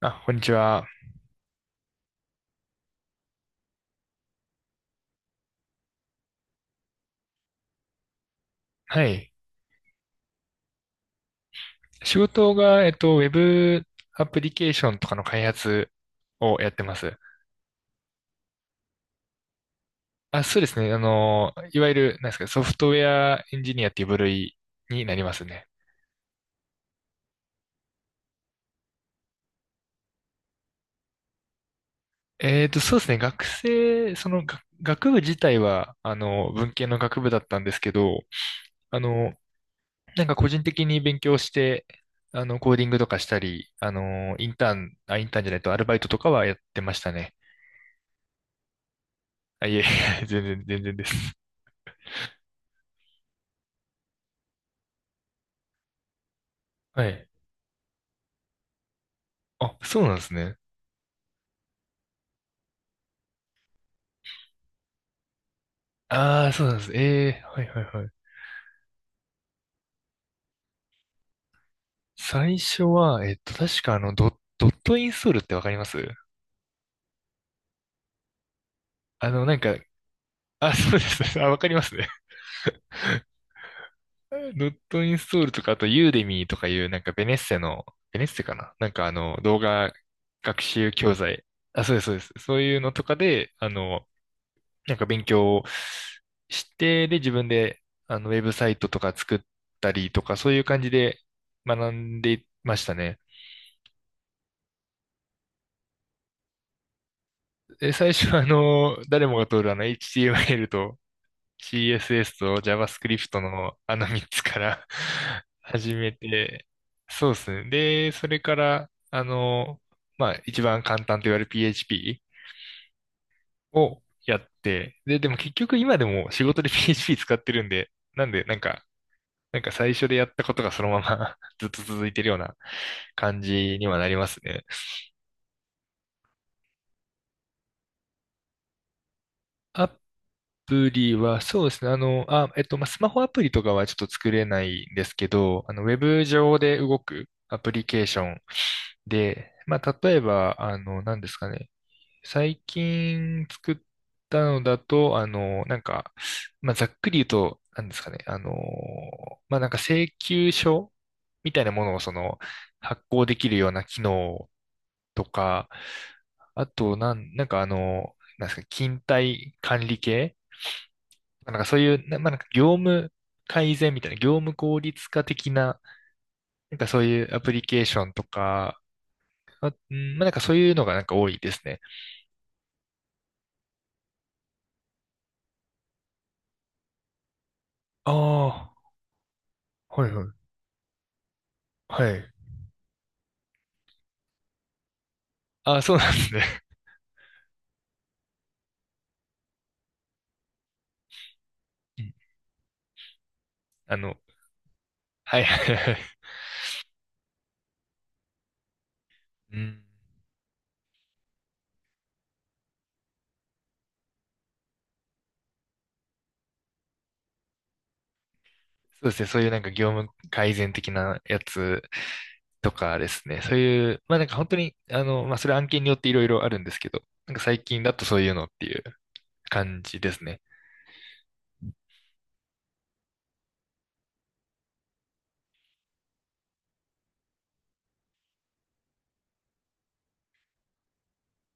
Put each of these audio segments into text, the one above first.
あ、こんにちは。はい。仕事が、ウェブアプリケーションとかの開発をやってます。あ、そうですね。いわゆる、なんですか、ソフトウェアエンジニアっていう部類になりますね。そうですね。学生、その、が学部自体は、文系の学部だったんですけど、あの、なんか個人的に勉強して、コーディングとかしたり、インターン、あ、インターンじゃないと、アルバイトとかはやってましたね。あ、いえ、全然、全然です。はい。あ、そうなんですね。ああ、そうなんです。ええ、はいはいはい。最初は、確かドットインストールってわかります？あの、なんか、あ、そうです。あ、わかりますね。ドットインストールとか、あと、ユーデミーとかいう、なんか、ベネッセの、ベネッセかななんか、動画学習教材。あ、そうです、そうです。そういうのとかで、なんか勉強をして、で、自分で、ウェブサイトとか作ったりとか、そういう感じで学んでましたね。で、最初は誰もが通るHTML と CSS と JavaScript の3つから 始めて、そうですね。で、それから、まあ、一番簡単と言われる PHP をやって、で、でも結局今でも仕事で PHP 使ってるんで、なんで、なんか最初でやったことがそのまま ずっと続いてるような感じにはなりますね。あプリは、そうですね。まあ、スマホアプリとかはちょっと作れないんですけど、ウェブ上で動くアプリケーションで、まあ、例えば、何ですかね。最近作ったのだと、まあ、ざっくり言うと、何ですかね。まあ、なんか請求書みたいなものを、発行できるような機能とか、あと、なんかあの、なんですか、勤怠管理系、なんかそういう、まあ、なんか業務改善みたいな、業務効率化的な、なんかそういうアプリケーションとか、あ、うん、まあ、なんかそういうのがなんか多いですね。ああ、はいはい。はい。ああ、そうなんですね。うん、あの、はいはいはい。うん。そうですね。そういうなんか業務改善的なやつとかですね。そういう、まあなんか本当に、まあそれ案件によっていろいろあるんですけど、なんか最近だとそういうのっていう感じですね。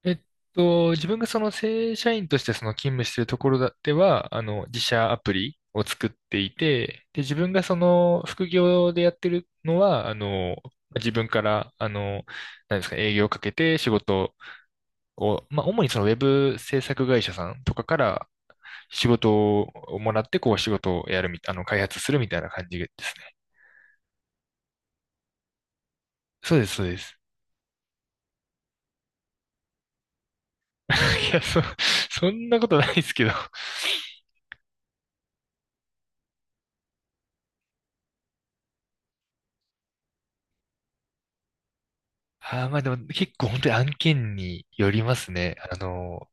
えっ自分がその正社員としてその勤務しているところだでは、自社アプリを作っていて、で、自分がその副業でやってるのは、自分から、あの、何ですか、営業をかけて仕事を、まあ、主にそのウェブ制作会社さんとかから仕事をもらって、こう仕事をやるみ、あの、開発するみたいな感じですね。そうです、そうです。いや、そんなことないですけど。ああ、まあでも結構本当に案件によりますね。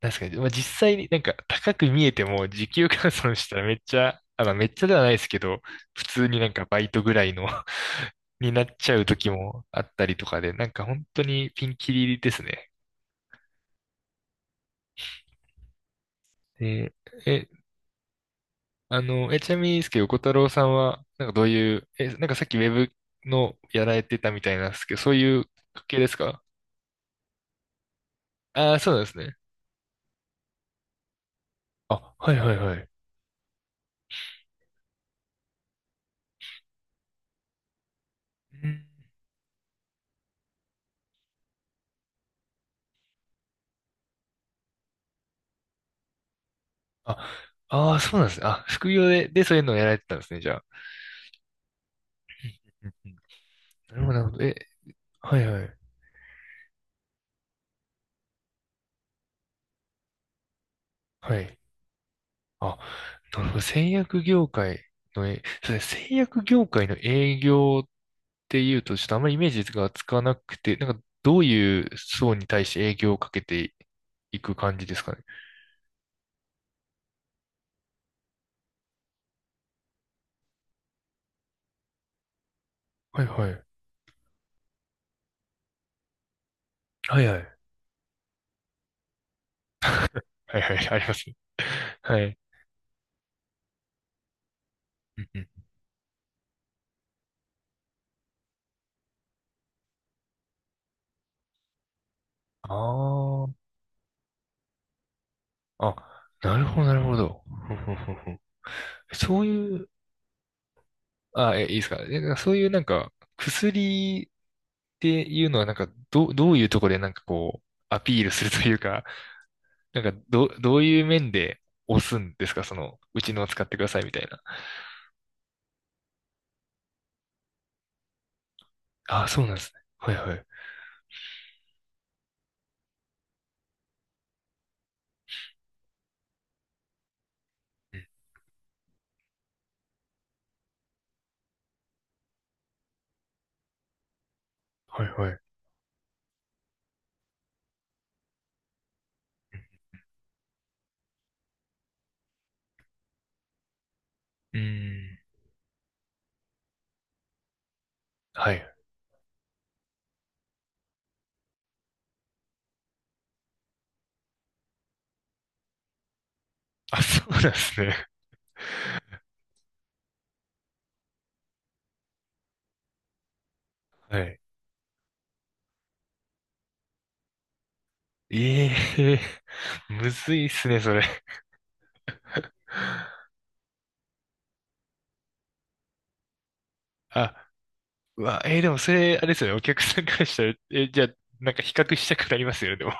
なんですかね。まあ実際になんか高く見えても時給換算したらめっちゃ、あ、まあめっちゃではないですけど、普通になんかバイトぐらいの になっちゃう時もあったりとかで、なんか本当にピンキリですね。で、え、あの、え、ちなみにですけど、小太郎さんは、なんかどういう、なんかさっきウェブのやられてたみたいなんですけど、そういう関係ですか？ああー、そうなんですね。あ、はいはいはい。うん、あ、ああ、そうなんですね。あ、副業で、で、そういうのをやられてたんですね、じゃあ。うんうん、なるほど、なるほど。はいはい。はい。あ、なるほど。製薬業界の、そうですね、製薬業界の営業っていうと、ちょっとあんまりイメージがつかなくて、なんかどういう層に対して営業をかけていく感じですかね？はいはい。はいはい。はいはい、ありますね。はい。うんうん。ああ、あ、なるほど、なるほど。ふんふんふんふん、そういう、あ、いいですか？なんかそういうなんか、薬っていうのはなんか、どういうところでなんかこう、アピールするというか、なんか、どういう面で押すんですか、うちのを使ってくださいみたいな。あ、そうなんですね。はいはい。うん、はいはい。うーん。はい。あ、そうなんですね。はい。ええー、 むずいっすね、それ。あ、うわ、でもそれ、あれですよね、お客さんからしたら、じゃあ、なんか比較したくなりますよね、でも。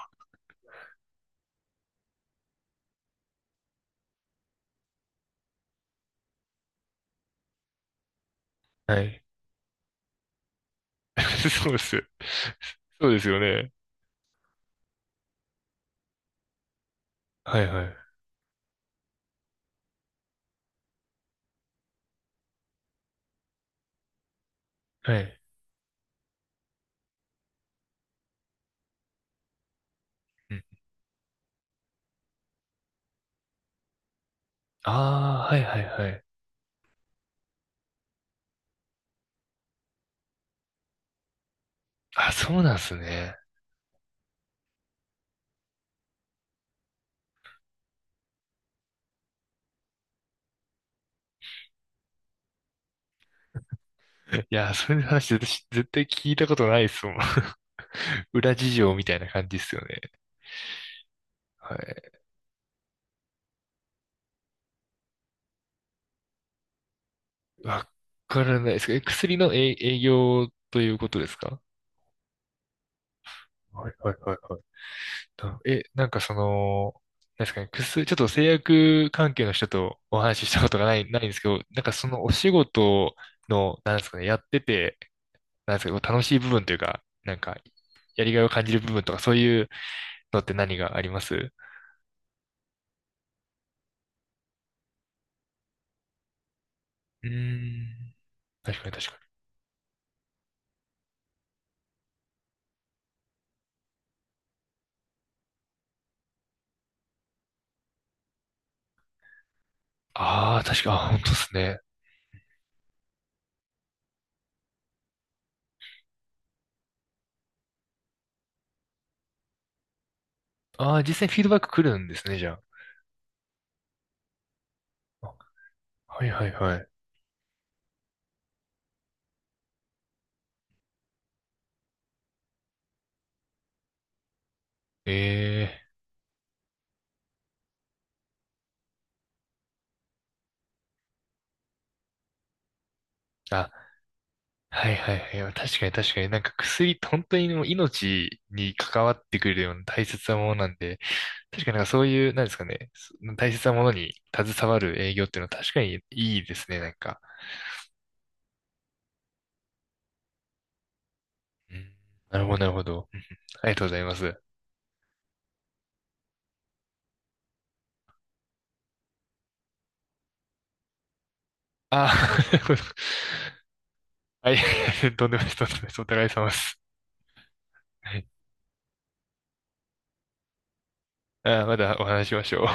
はい。そうです。そうですよね。はいはい。はい。うん。ああ、はいはいはい。あ、そうなんすね。いや、それの話私絶対聞いたことないっすもん。裏事情みたいな感じっすよね。はい。わからないですか？薬の営営業ということですか？はいはいはいはい。とえ、なんかその、なんですかね、薬、ちょっと製薬関係の人とお話ししたことがないんですけど、なんかそのお仕事の、なんですかね、やってて、なんですか、楽しい部分というか、なんか、やりがいを感じる部分とか、そういうのって何がありますうーん？確かに確かに。ああ、確か、あー、本当ですね。ああ、実際にフィードバック来るんですね、じゃあ。あ、はいはいはい。ええ、あ、はいはいはい。確かに確かに。なんか薬って本当にもう命に関わってくるような大切なものなんで、確かになんかそういう、なんですかね、そ大切なものに携わる営業っていうのは確かにいいですね、なんか。うん、なるほど、なるほど。うん、ありがとうございます。ああ、はい、とんでもないです、とんでもないです。お互い様です。はい、あー、まだお話ししましょう。